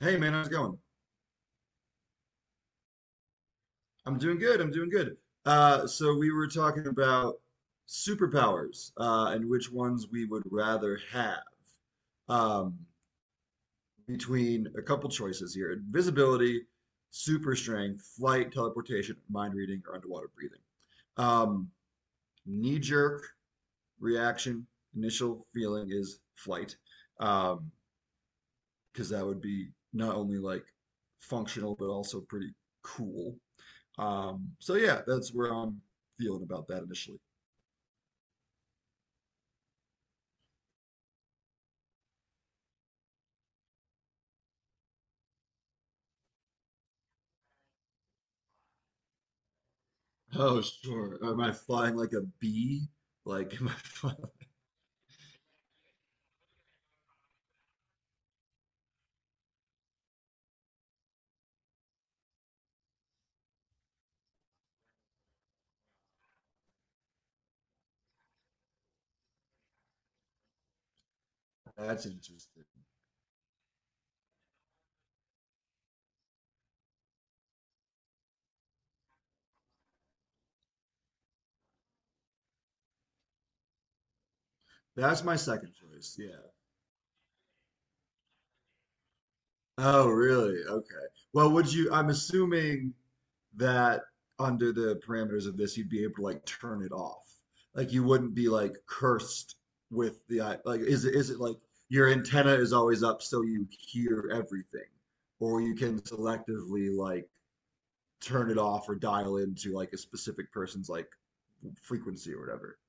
Hey man, how's it going? I'm doing good. I'm doing good. So we were talking about superpowers and which ones we would rather have um, between a couple choices here: invisibility, super strength, flight, teleportation, mind reading, or underwater breathing. Um, Knee-jerk reaction, initial feeling is flight, um, because that would be not only like functional but also pretty cool. So yeah, that's where I'm feeling about that initially. Oh, sure. Am I flying like a bee? Like, am I flying? That's interesting. That's my second choice. Yeah. Oh, really? Okay. Well, would you? I'm assuming that under the parameters of this, you'd be able to like turn it off. Like, you wouldn't be like cursed with the eye. Like, is it like your antenna is always up so you hear everything, or you can selectively like turn it off or dial into like a specific person's like frequency or whatever.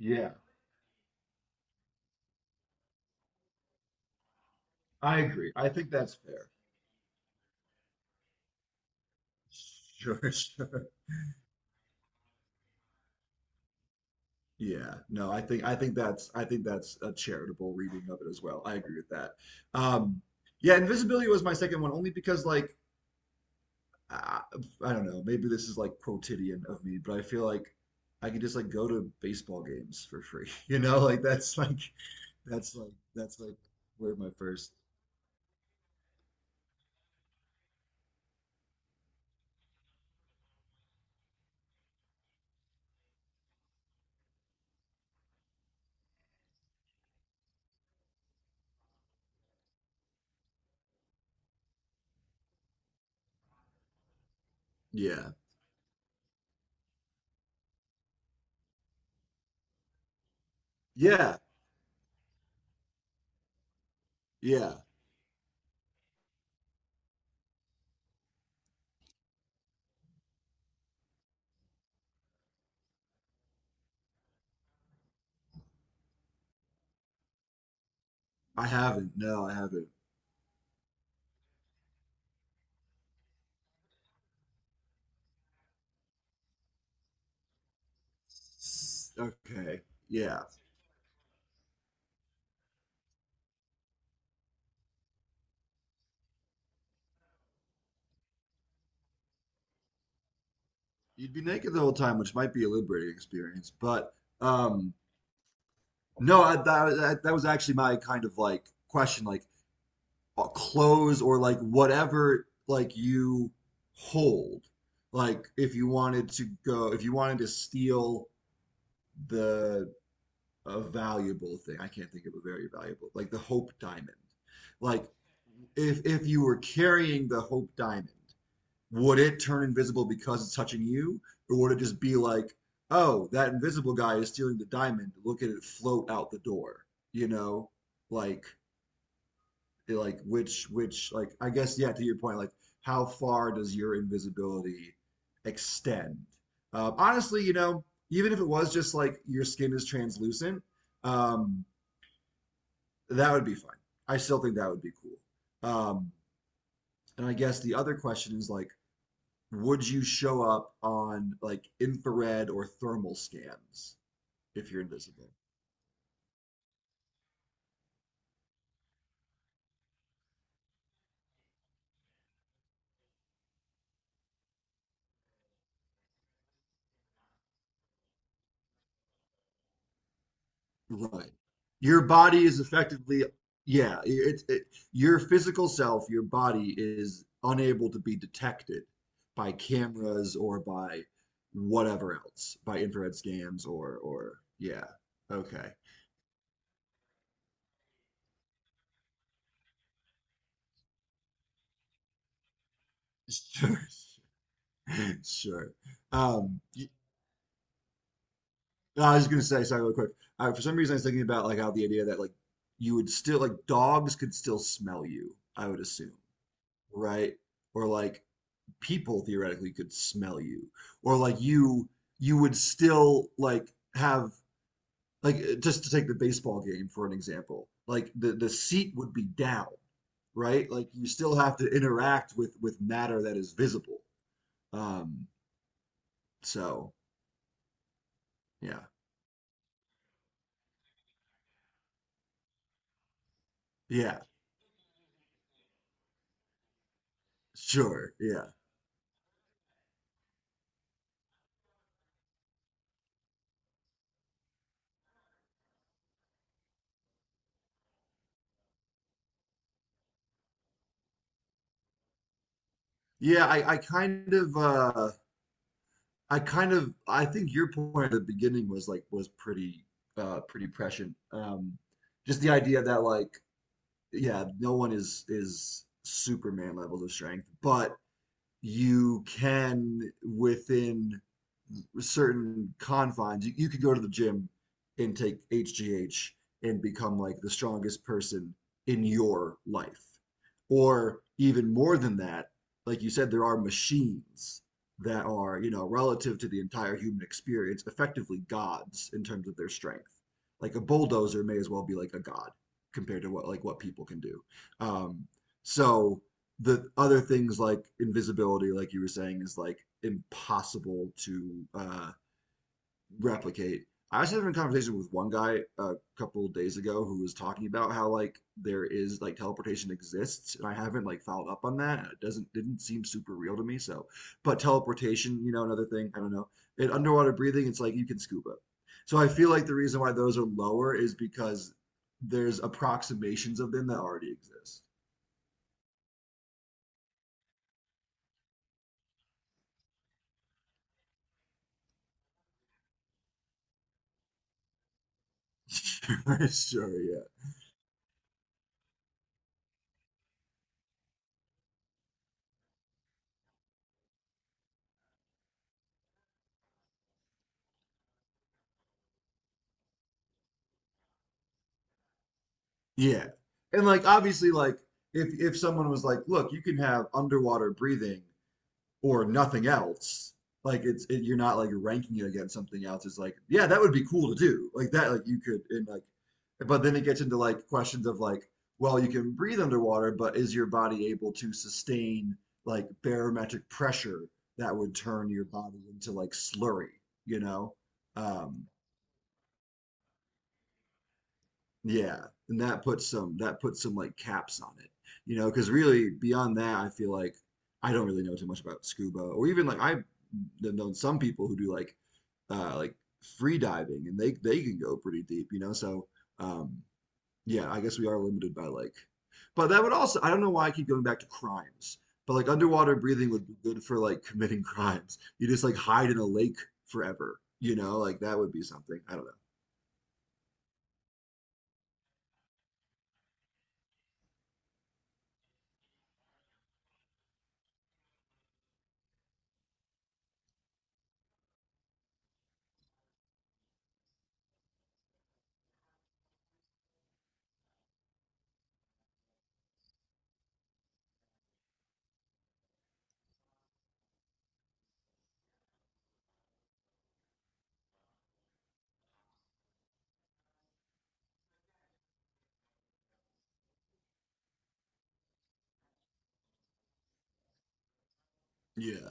Yeah, I agree. I think that's fair. Sure, sure. Yeah. No, I think that's I think that's a charitable reading of it as well. I agree with that. Um, yeah, invisibility was my second one only because like I, I don't know, maybe this is like quotidian of me, but I feel like I could just like go to baseball games for free. You know, like that's like where my first yeah. Yeah. Yeah. I haven't. No, I haven't. Okay. Yeah. You'd be naked the whole time, which might be a liberating experience. But um, no, I, that, that, that was actually my kind of like question, like clothes or like whatever like you hold. Like if you wanted to go, if you wanted to steal the a valuable thing, I can't think of a very valuable, like the Hope Diamond. Like if you were carrying the Hope Diamond, would it turn invisible because it's touching you? Or would it just be like, oh, that invisible guy is stealing the diamond. Look at it float out the door. You know, like like which like I guess yeah, to your point, like how far does your invisibility extend? Honestly, you know, even if it was just like your skin is translucent, um, that would be fine. I still think that would be cool. And I guess the other question is like, would you show up on like infrared or thermal scans if you're invisible? Right. Your body is effectively, yeah, your physical self, your body is unable to be detected by cameras or by whatever else, by infrared scans or yeah. Okay. Sure. Sure. Um, No, I was just gonna say, sorry, real quick. For some reason, I was thinking about like how the idea that like you would still like dogs could still smell you, I would assume, right? Or like people theoretically could smell you, or like you would still like have like just to take the baseball game for an example, like the seat would be down, right? Like you still have to interact with matter that is visible. Um, so yeah, yeah, sure, yeah, yeah. I kind of I think your point at the beginning was like was pretty pretty prescient. Just the idea that like yeah, no one is Superman levels of strength, but you can within certain confines. You could go to the gym and take HGH and become like the strongest person in your life. Or even more than that, like you said, there are machines that are, you know, relative to the entire human experience, effectively gods in terms of their strength. Like a bulldozer may as well be like a god compared to what like what people can do. Um, so the other things like invisibility, like you were saying, is like impossible to replicate. I was having a conversation with one guy a couple of days ago who was talking about how like there is like teleportation exists, and I haven't like followed up on that. It doesn't didn't seem super real to me. So, but teleportation, you know, another thing. I don't know. And underwater breathing, it's like you can scuba. So I feel like the reason why those are lower is because there's approximations of them that already exist. Sure, yeah. Yeah. And like obviously like if someone was like, "Look, you can have underwater breathing or nothing else." Like you're not like ranking it against something else. It's like, "Yeah, that would be cool to do." Like that like you could and like but then it gets into like questions of like, well, you can breathe underwater, but is your body able to sustain like barometric pressure that would turn your body into like slurry, you know? Um Yeah, and that puts some like caps on it, you know, because really beyond that, I feel like I don't really know too much about scuba or even like I've known some people who do like uh like free diving and they can go pretty deep, you know. So um yeah, I guess we are limited by like, but that would also I don't know why I keep going back to crimes, but like underwater breathing would be good for like committing crimes. You just like hide in a lake forever, you know, like that would be something. I don't know. Yeah,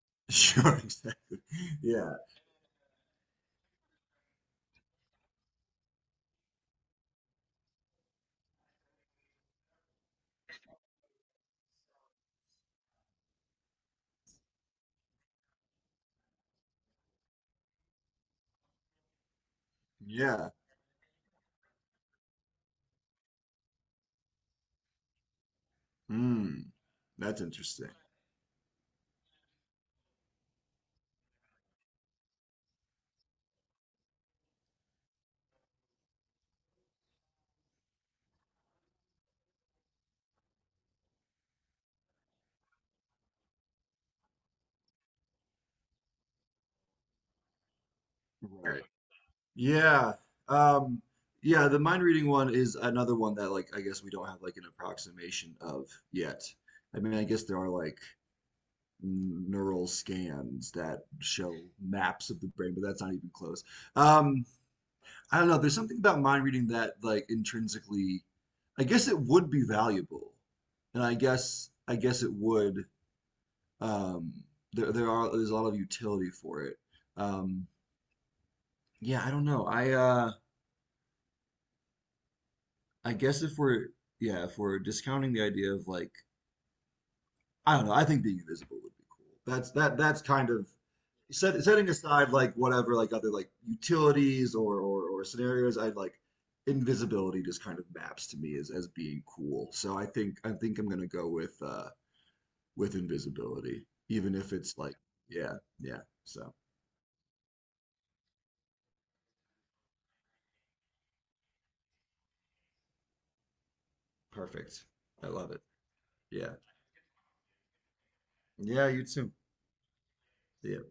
sure, exactly. Yeah. Yeah. Hmm. That's interesting. Right. Yeah. Um, yeah, the mind reading one is another one that like I guess we don't have like an approximation of yet. I mean, I guess there are like neural scans that show maps of the brain, but that's not even close. Um, I don't know. There's something about mind reading that like intrinsically, I guess it would be valuable. And I guess it would um there's a lot of utility for it. Um Yeah, I don't know. I guess if we're yeah, if we're discounting the idea of like I don't know, I think being invisible would be cool. That's kind of setting aside like whatever like other like utilities or or scenarios, I like invisibility just kind of maps to me as being cool. So I think I'm gonna go with invisibility, even if it's like yeah, yeah. So perfect. I love it. Yeah. Yeah, you too. Yeah.